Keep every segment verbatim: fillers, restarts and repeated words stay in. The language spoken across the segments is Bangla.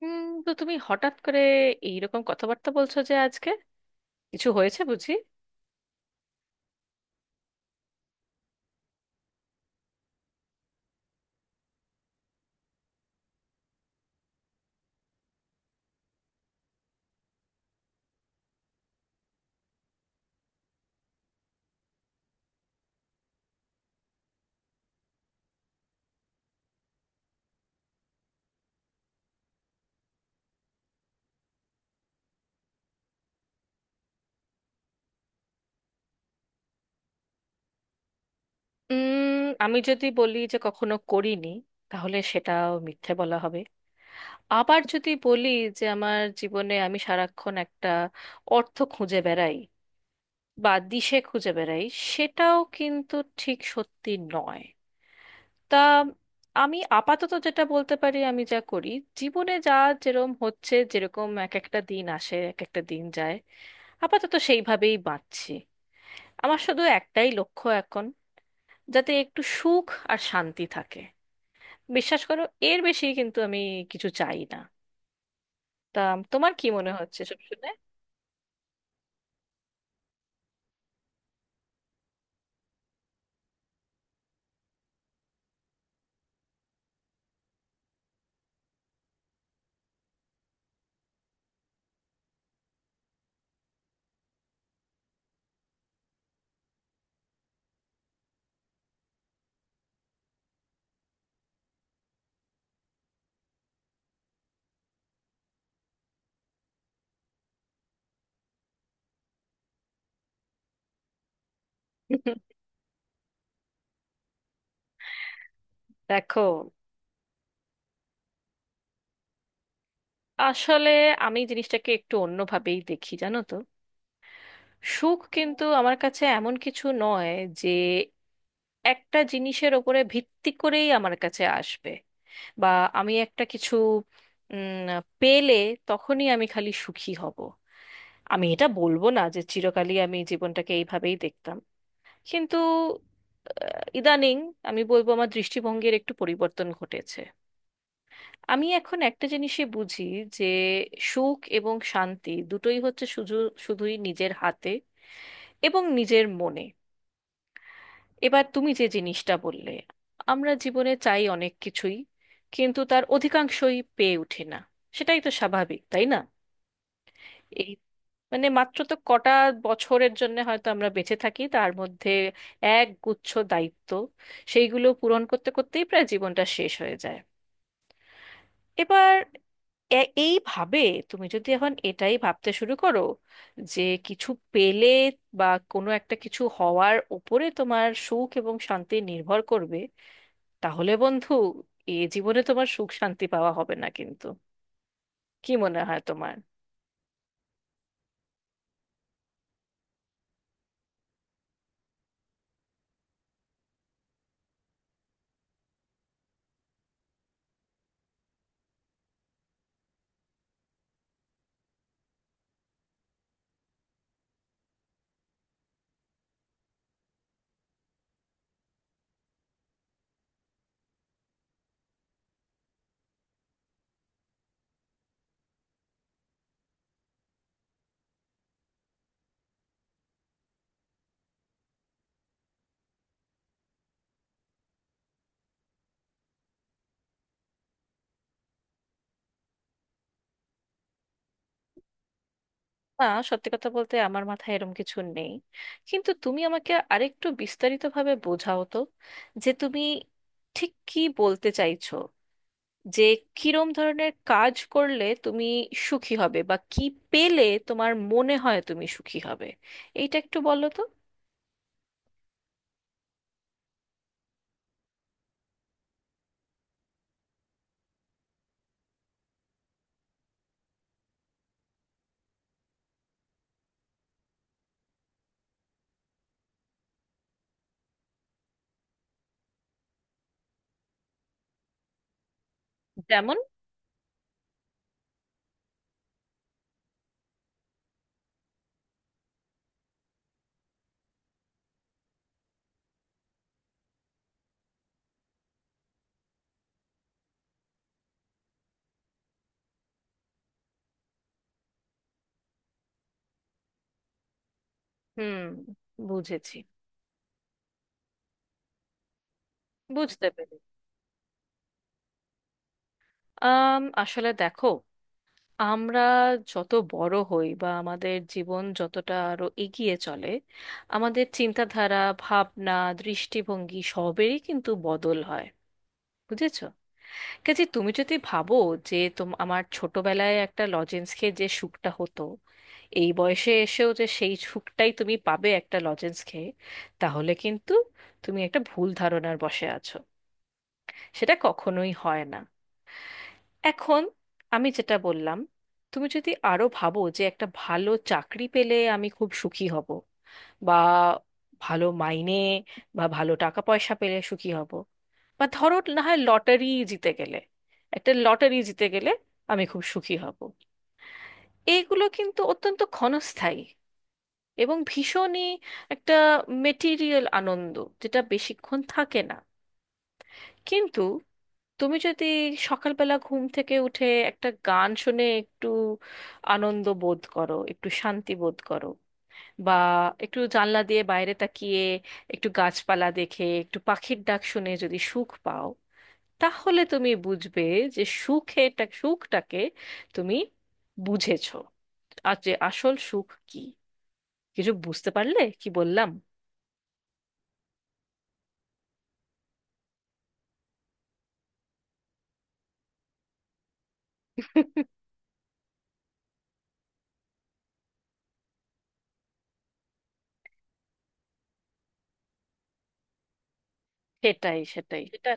হুম। তো তুমি হঠাৎ করে এইরকম কথাবার্তা বলছো, যে আজকে কিছু হয়েছে বুঝি? উম আমি যদি বলি যে কখনো করিনি, তাহলে সেটাও মিথ্যে বলা হবে। আবার যদি বলি যে আমার জীবনে আমি সারাক্ষণ একটা অর্থ খুঁজে বেড়াই বা দিশে খুঁজে বেড়াই, সেটাও কিন্তু ঠিক সত্যি নয়। তা, আমি আপাতত যেটা বলতে পারি, আমি যা করি জীবনে, যা যেরম হচ্ছে, যেরকম এক একটা দিন আসে এক একটা দিন যায়, আপাতত সেইভাবেই বাঁচছি। আমার শুধু একটাই লক্ষ্য এখন, যাতে একটু সুখ আর শান্তি থাকে। বিশ্বাস করো, এর বেশি কিন্তু আমি কিছু চাই না। তা, তোমার কি মনে হচ্ছে সব শুনে? দেখো, আসলে আমি জিনিসটাকে একটু অন্যভাবেই দেখি, জানো তো। সুখ কিন্তু আমার কাছে এমন কিছু নয় যে একটা জিনিসের ওপরে ভিত্তি করেই আমার কাছে আসবে, বা আমি একটা কিছু উম, পেলে তখনই আমি খালি সুখী হব। আমি এটা বলবো না যে চিরকালই আমি জীবনটাকে এইভাবেই দেখতাম, কিন্তু আহ, ইদানিং আমি বলবো আমার দৃষ্টিভঙ্গির একটু পরিবর্তন ঘটেছে। আমি এখন একটা জিনিসই বুঝি, যে সুখ এবং শান্তি দুটোই হচ্ছে শুধু, শুধুই নিজের হাতে এবং নিজের মনে। এবার তুমি যে জিনিসটা বললে, আমরা জীবনে চাই অনেক কিছুই, কিন্তু তার অধিকাংশই পেয়ে উঠি না। সেটাই তো স্বাভাবিক, তাই না? এই, মানে মাত্র তো কটা বছরের জন্য হয়তো আমরা বেঁচে থাকি, তার মধ্যে এক গুচ্ছ দায়িত্ব, সেইগুলো পূরণ করতে করতেই প্রায় জীবনটা শেষ হয়ে যায়। এবার এ- এইভাবে তুমি যদি এখন এটাই ভাবতে শুরু করো যে কিছু পেলে, বা কোনো একটা কিছু হওয়ার উপরে তোমার সুখ এবং শান্তি নির্ভর করবে, তাহলে বন্ধু, এ জীবনে তোমার সুখ শান্তি পাওয়া হবে না কিন্তু। কি মনে হয় তোমার? না, সত্যি কথা বলতে আমার মাথায় এরম কিছু নেই। কিন্তু তুমি আমাকে আরেকটু বিস্তারিতভাবে বোঝাও তো, যে তুমি ঠিক কি বলতে চাইছো, যে কিরম ধরনের কাজ করলে তুমি সুখী হবে, বা কি পেলে তোমার মনে হয় তুমি সুখী হবে। এইটা একটু বলো তো। যেমন? হুম। বুঝেছি। বুঝতে পেরেছি। আম, আসলে দেখো, আমরা যত বড় হই বা আমাদের জীবন যতটা আরো এগিয়ে চলে, আমাদের চিন্তাধারা, ভাবনা, দৃষ্টিভঙ্গি সবেরই কিন্তু বদল হয়। বুঝেছো? কাজে তুমি যদি ভাবো যে তোম আমার ছোটবেলায় একটা লজেন্স খেয়ে যে সুখটা হতো, এই বয়সে এসেও যে সেই সুখটাই তুমি পাবে একটা লজেন্স খেয়ে, তাহলে কিন্তু তুমি একটা ভুল ধারণার বশে আছো। সেটা কখনোই হয় না। এখন আমি যেটা বললাম, তুমি যদি আরো ভাবো যে একটা ভালো চাকরি পেলে আমি খুব সুখী হব, বা ভালো মাইনে বা ভালো টাকা পয়সা পেলে সুখী হব, বা ধরো না হয় লটারি জিতে গেলে, একটা লটারি জিতে গেলে আমি খুব সুখী হব, এইগুলো কিন্তু অত্যন্ত ক্ষণস্থায়ী এবং ভীষণই একটা মেটিরিয়াল আনন্দ, যেটা বেশিক্ষণ থাকে না। কিন্তু তুমি যদি সকালবেলা ঘুম থেকে উঠে একটা গান শুনে একটু আনন্দ বোধ করো, একটু শান্তি বোধ করো, বা একটু জানলা দিয়ে বাইরে তাকিয়ে একটু গাছপালা দেখে একটু পাখির ডাক শুনে যদি সুখ পাও, তাহলে তুমি বুঝবে যে সুখেটা সুখটাকে তুমি বুঝেছো, আর যে আসল সুখ কি। কিছু বুঝতে পারলে কি বললাম? সেটাই, সেটাই, সেটা।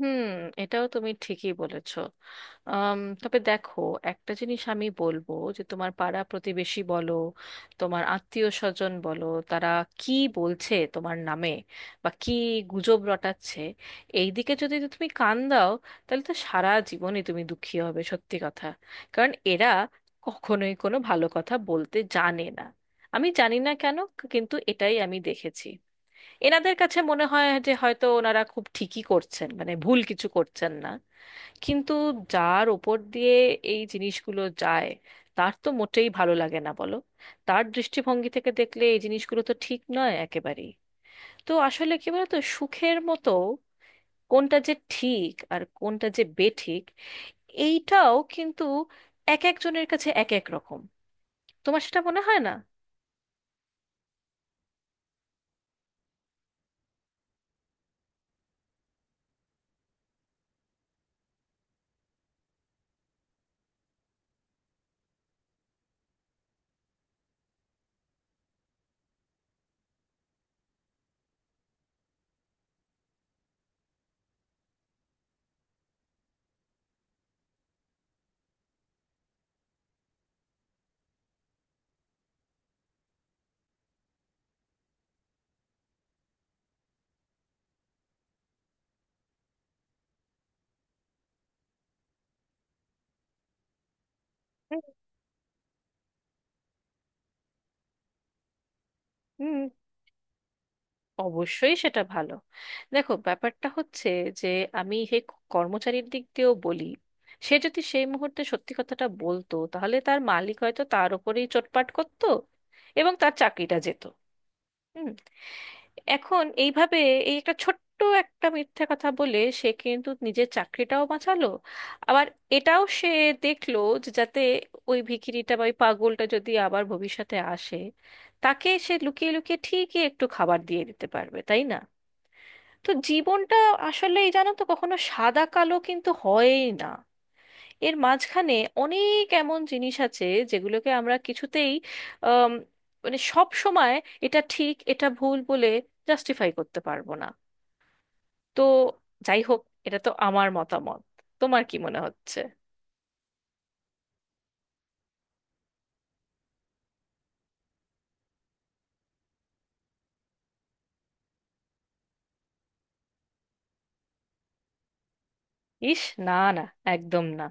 হুম, এটাও তুমি ঠিকই বলেছো। আম, তবে দেখো, একটা জিনিস আমি বলবো, যে তোমার পাড়া প্রতিবেশী বলো, তোমার আত্মীয় স্বজন বলো, তারা কি বলছে তোমার নামে বা কি গুজব রটাচ্ছে, এই দিকে যদি তুমি কান দাও, তাহলে তো সারা জীবনই তুমি দুঃখী হবে, সত্যি কথা। কারণ এরা কখনোই কোনো ভালো কথা বলতে জানে না। আমি জানি না কেন, কিন্তু এটাই আমি দেখেছি। এনাদের কাছে মনে হয় যে হয়তো ওনারা খুব ঠিকই করছেন, মানে ভুল কিছু করছেন না, কিন্তু যার ওপর দিয়ে এই জিনিসগুলো যায়, তার তো মোটেই ভালো লাগে না, বলো। তার দৃষ্টিভঙ্গি থেকে দেখলে এই জিনিসগুলো তো ঠিক নয় একেবারেই। তো আসলে কি বলতো, সুখের মতো কোনটা যে ঠিক আর কোনটা যে বেঠিক, এইটাও কিন্তু এক একজনের কাছে এক এক রকম। তোমার সেটা মনে হয় না? হুম, অবশ্যই সেটা ভালো। দেখো, ব্যাপারটা হচ্ছে যে আমি সেই কর্মচারীর দিক দিয়েও বলি, সে যদি সেই মুহূর্তে সত্যি কথাটা বলতো তাহলে তার মালিক হয়তো তার ওপরেই চোটপাট করতো, এবং তার চাকরিটা যেত। হুম। এখন এইভাবে, এই একটা ছোট্ট একটা মিথ্যা কথা বলে সে কিন্তু নিজের চাকরিটাও বাঁচালো। আবার এটাও সে দেখলো, যে যাতে ওই ভিখিরিটা বা ওই পাগলটা যদি আবার ভবিষ্যতে আসে, তাকে সে লুকিয়ে লুকিয়ে ঠিকই একটু খাবার দিয়ে দিতে পারবে, তাই না? তো জীবনটা আসলে এই, জানো তো, কখনো সাদা কালো কিন্তু হয়ই না। এর মাঝখানে অনেক এমন জিনিস আছে যেগুলোকে আমরা কিছুতেই, আম, মানে সব সময় এটা ঠিক এটা ভুল বলে জাস্টিফাই করতে পারবো না। তো যাই হোক, এটা তো আমার মতামত। তোমার কি মনে হচ্ছে? ইস! না, না, একদম না।